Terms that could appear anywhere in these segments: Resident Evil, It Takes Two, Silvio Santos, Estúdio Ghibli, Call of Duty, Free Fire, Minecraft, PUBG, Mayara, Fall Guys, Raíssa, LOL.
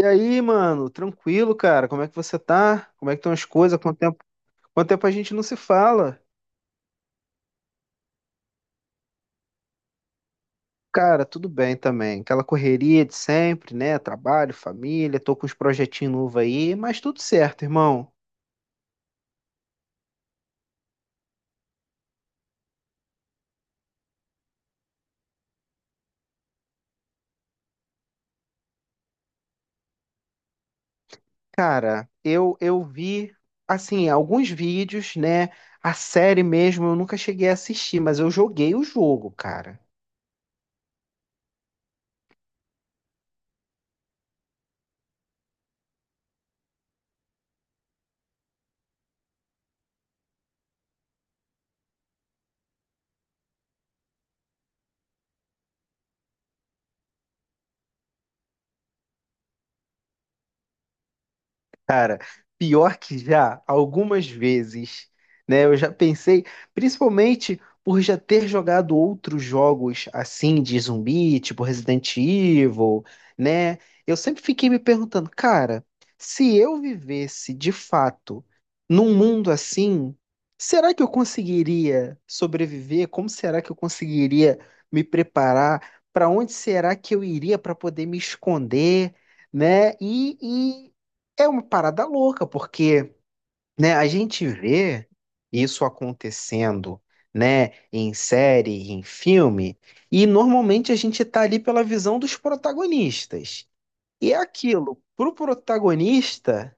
E aí, mano, tranquilo, cara? Como é que você tá? Como é que estão as coisas? Quanto tempo a gente não se fala? Cara, tudo bem também. Aquela correria de sempre, né? Trabalho, família, tô com uns projetinhos novos aí, mas tudo certo, irmão. Cara, eu vi assim, alguns vídeos, né? A série mesmo eu nunca cheguei a assistir, mas eu joguei o jogo, cara. Pior que já, algumas vezes, né? Eu já pensei, principalmente por já ter jogado outros jogos assim de zumbi, tipo Resident Evil, né? Eu sempre fiquei me perguntando, cara, se eu vivesse de fato num mundo assim, será que eu conseguiria sobreviver? Como será que eu conseguiria me preparar? Para onde será que eu iria para poder me esconder, né? E é uma parada louca, porque, né, a gente vê isso acontecendo, né, em série, em filme, e normalmente a gente tá ali pela visão dos protagonistas. E é aquilo, pro protagonista,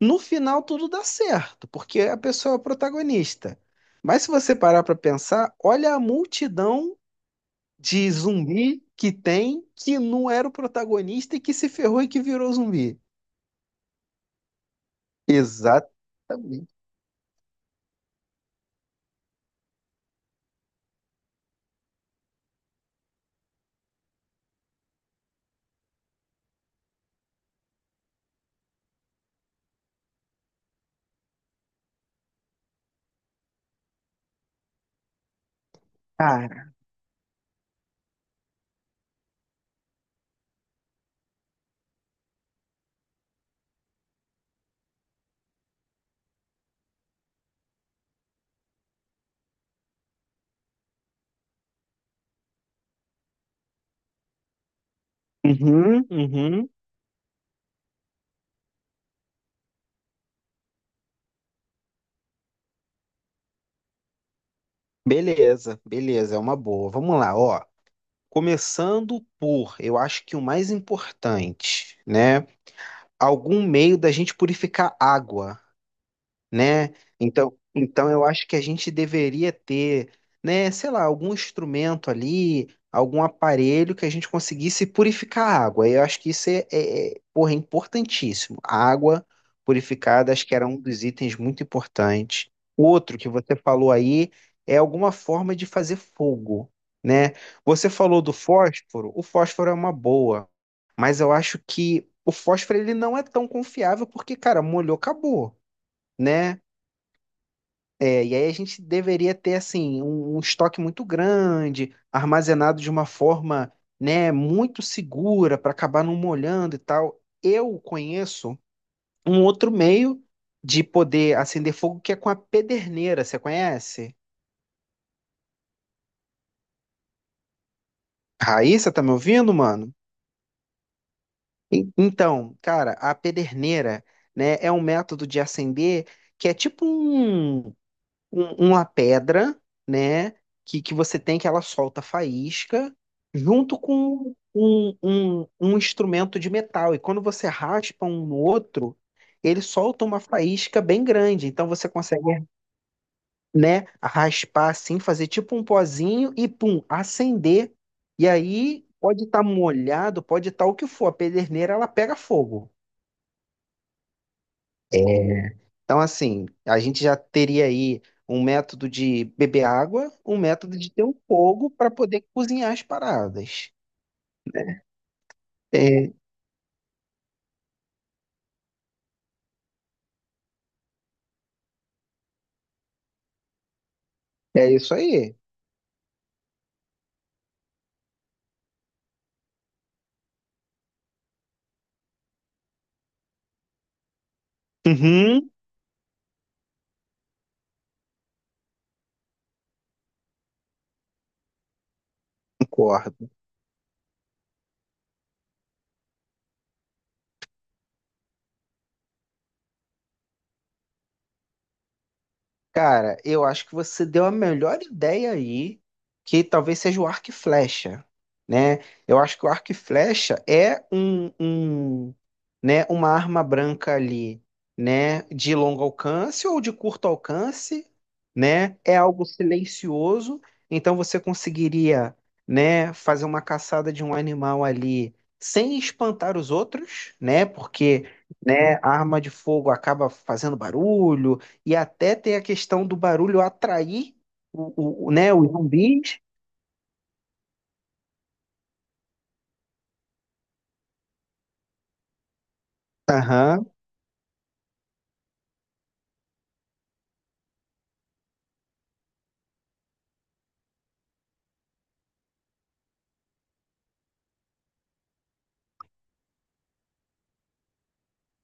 no final tudo dá certo, porque a pessoa é o protagonista. Mas se você parar pra pensar, olha a multidão de zumbi que tem, que não era o protagonista e que se ferrou e que virou zumbi. Exatamente. Uhum, uhum. Beleza, beleza, é uma boa. Vamos lá, ó. Começando por, eu acho que o mais importante, né? Algum meio da gente purificar água, né? Então eu acho que a gente deveria ter, né, sei lá, algum instrumento ali, algum aparelho que a gente conseguisse purificar a água. Eu acho que isso é, porra, é importantíssimo. A água purificada, acho que era um dos itens muito importantes. Outro que você falou aí é alguma forma de fazer fogo, né? Você falou do fósforo, o fósforo é uma boa, mas eu acho que o fósforo ele não é tão confiável porque, cara, molhou, acabou, né? É, e aí a gente deveria ter assim um estoque muito grande, armazenado de uma forma, né, muito segura para acabar não molhando e tal. Eu conheço um outro meio de poder acender fogo que é com a pederneira, você conhece? Raíssa, tá me ouvindo, mano? Então, cara, a pederneira, né, é um método de acender que é tipo uma pedra, né, que você tem, que ela solta faísca, junto com um instrumento de metal. E quando você raspa um no outro, ele solta uma faísca bem grande. Então você consegue, né, raspar assim, fazer tipo um pozinho e pum, acender. E aí pode estar molhado, pode estar o que for. A pederneira ela pega fogo. É. Então, assim, a gente já teria aí um método de beber água, um método de ter um fogo para poder cozinhar as paradas. É, é isso aí. Uhum, concordo. Cara, eu acho que você deu a melhor ideia aí, que talvez seja o arco e flecha, né? Eu acho que o arco e flecha é um, né, uma arma branca ali, né, de longo alcance ou de curto alcance, né? É algo silencioso, então você conseguiria, né, fazer uma caçada de um animal ali sem espantar os outros, né? Porque, né, a arma de fogo acaba fazendo barulho e até tem a questão do barulho atrair o, né, os zumbis. Aham.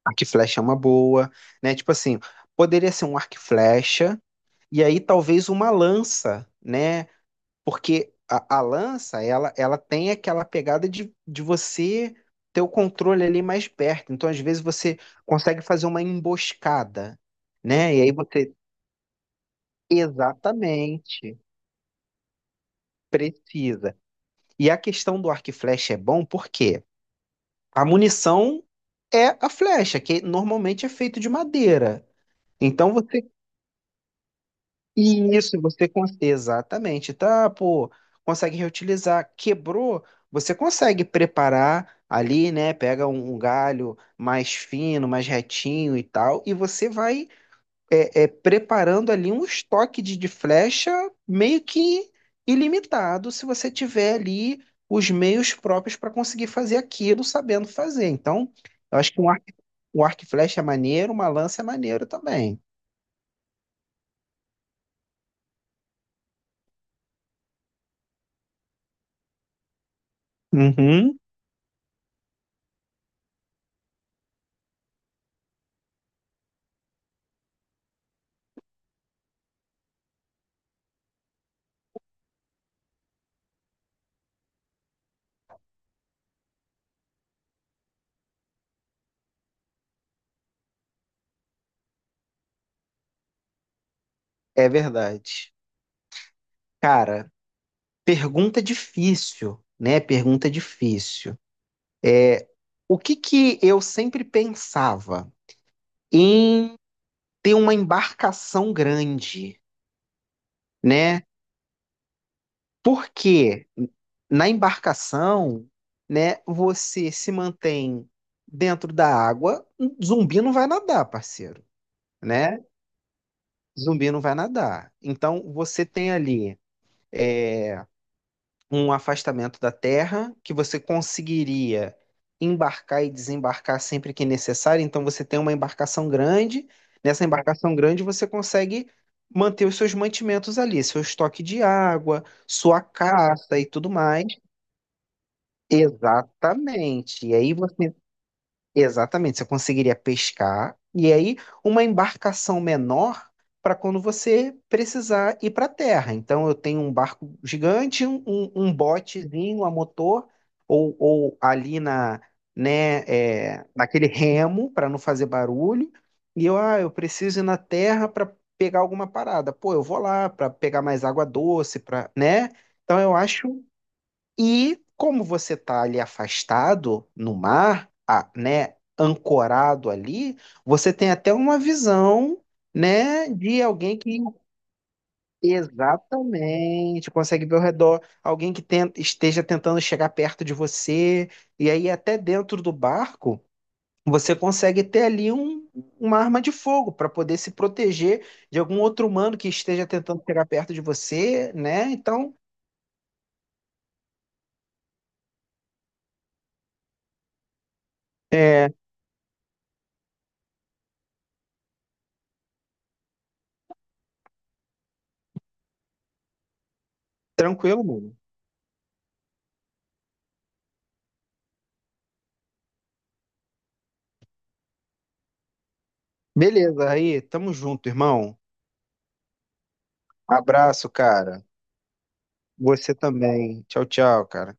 Arco e flecha é uma boa, né? Tipo assim, poderia ser um arco e flecha e aí talvez uma lança, né? Porque a lança, ela tem aquela pegada de você ter o controle ali mais perto. Então, às vezes, você consegue fazer uma emboscada, né? E aí você... Exatamente. Precisa. E a questão do arco e flecha é bom porque a munição é a flecha, que normalmente é feito de madeira. Então você... Isso, você consegue. Exatamente, tá? Pô, consegue reutilizar. Quebrou, você consegue preparar ali, né? Pega um galho mais fino, mais retinho e tal, e você vai preparando ali um estoque de flecha meio que ilimitado, se você tiver ali os meios próprios para conseguir fazer aquilo sabendo fazer. Então, eu acho que um arco e flecha é maneiro, uma lança é maneiro também. Uhum, é verdade. Cara, pergunta difícil, né? Pergunta difícil. É, o que que eu sempre pensava em ter uma embarcação grande, né? Porque na embarcação, né, você se mantém dentro da água, um zumbi não vai nadar, parceiro, né? Zumbi não vai nadar. Então você tem ali é, um afastamento da terra que você conseguiria embarcar e desembarcar sempre que necessário. Então você tem uma embarcação grande. Nessa embarcação grande você consegue manter os seus mantimentos ali, seu estoque de água, sua caça e tudo mais. Exatamente. Exatamente, você conseguiria pescar e aí uma embarcação menor para quando você precisar ir para a terra. Então eu tenho um barco gigante, um botezinho a motor ou ali na, né, é, naquele remo para não fazer barulho. E eu, ah, eu preciso ir na terra para pegar alguma parada. Pô, eu vou lá para pegar mais água doce, para, né? Então eu acho, e como você está ali afastado no mar, né, ancorado ali, você tem até uma visão, né, de alguém que... Exatamente, consegue ver ao redor, alguém que esteja tentando chegar perto de você, e aí até dentro do barco você consegue ter ali uma arma de fogo para poder se proteger de algum outro humano que esteja tentando chegar perto de você, né? Então, é tranquilo, mano. Beleza, aí, tamo junto, irmão. Abraço, cara. Você também. Tchau, tchau, cara.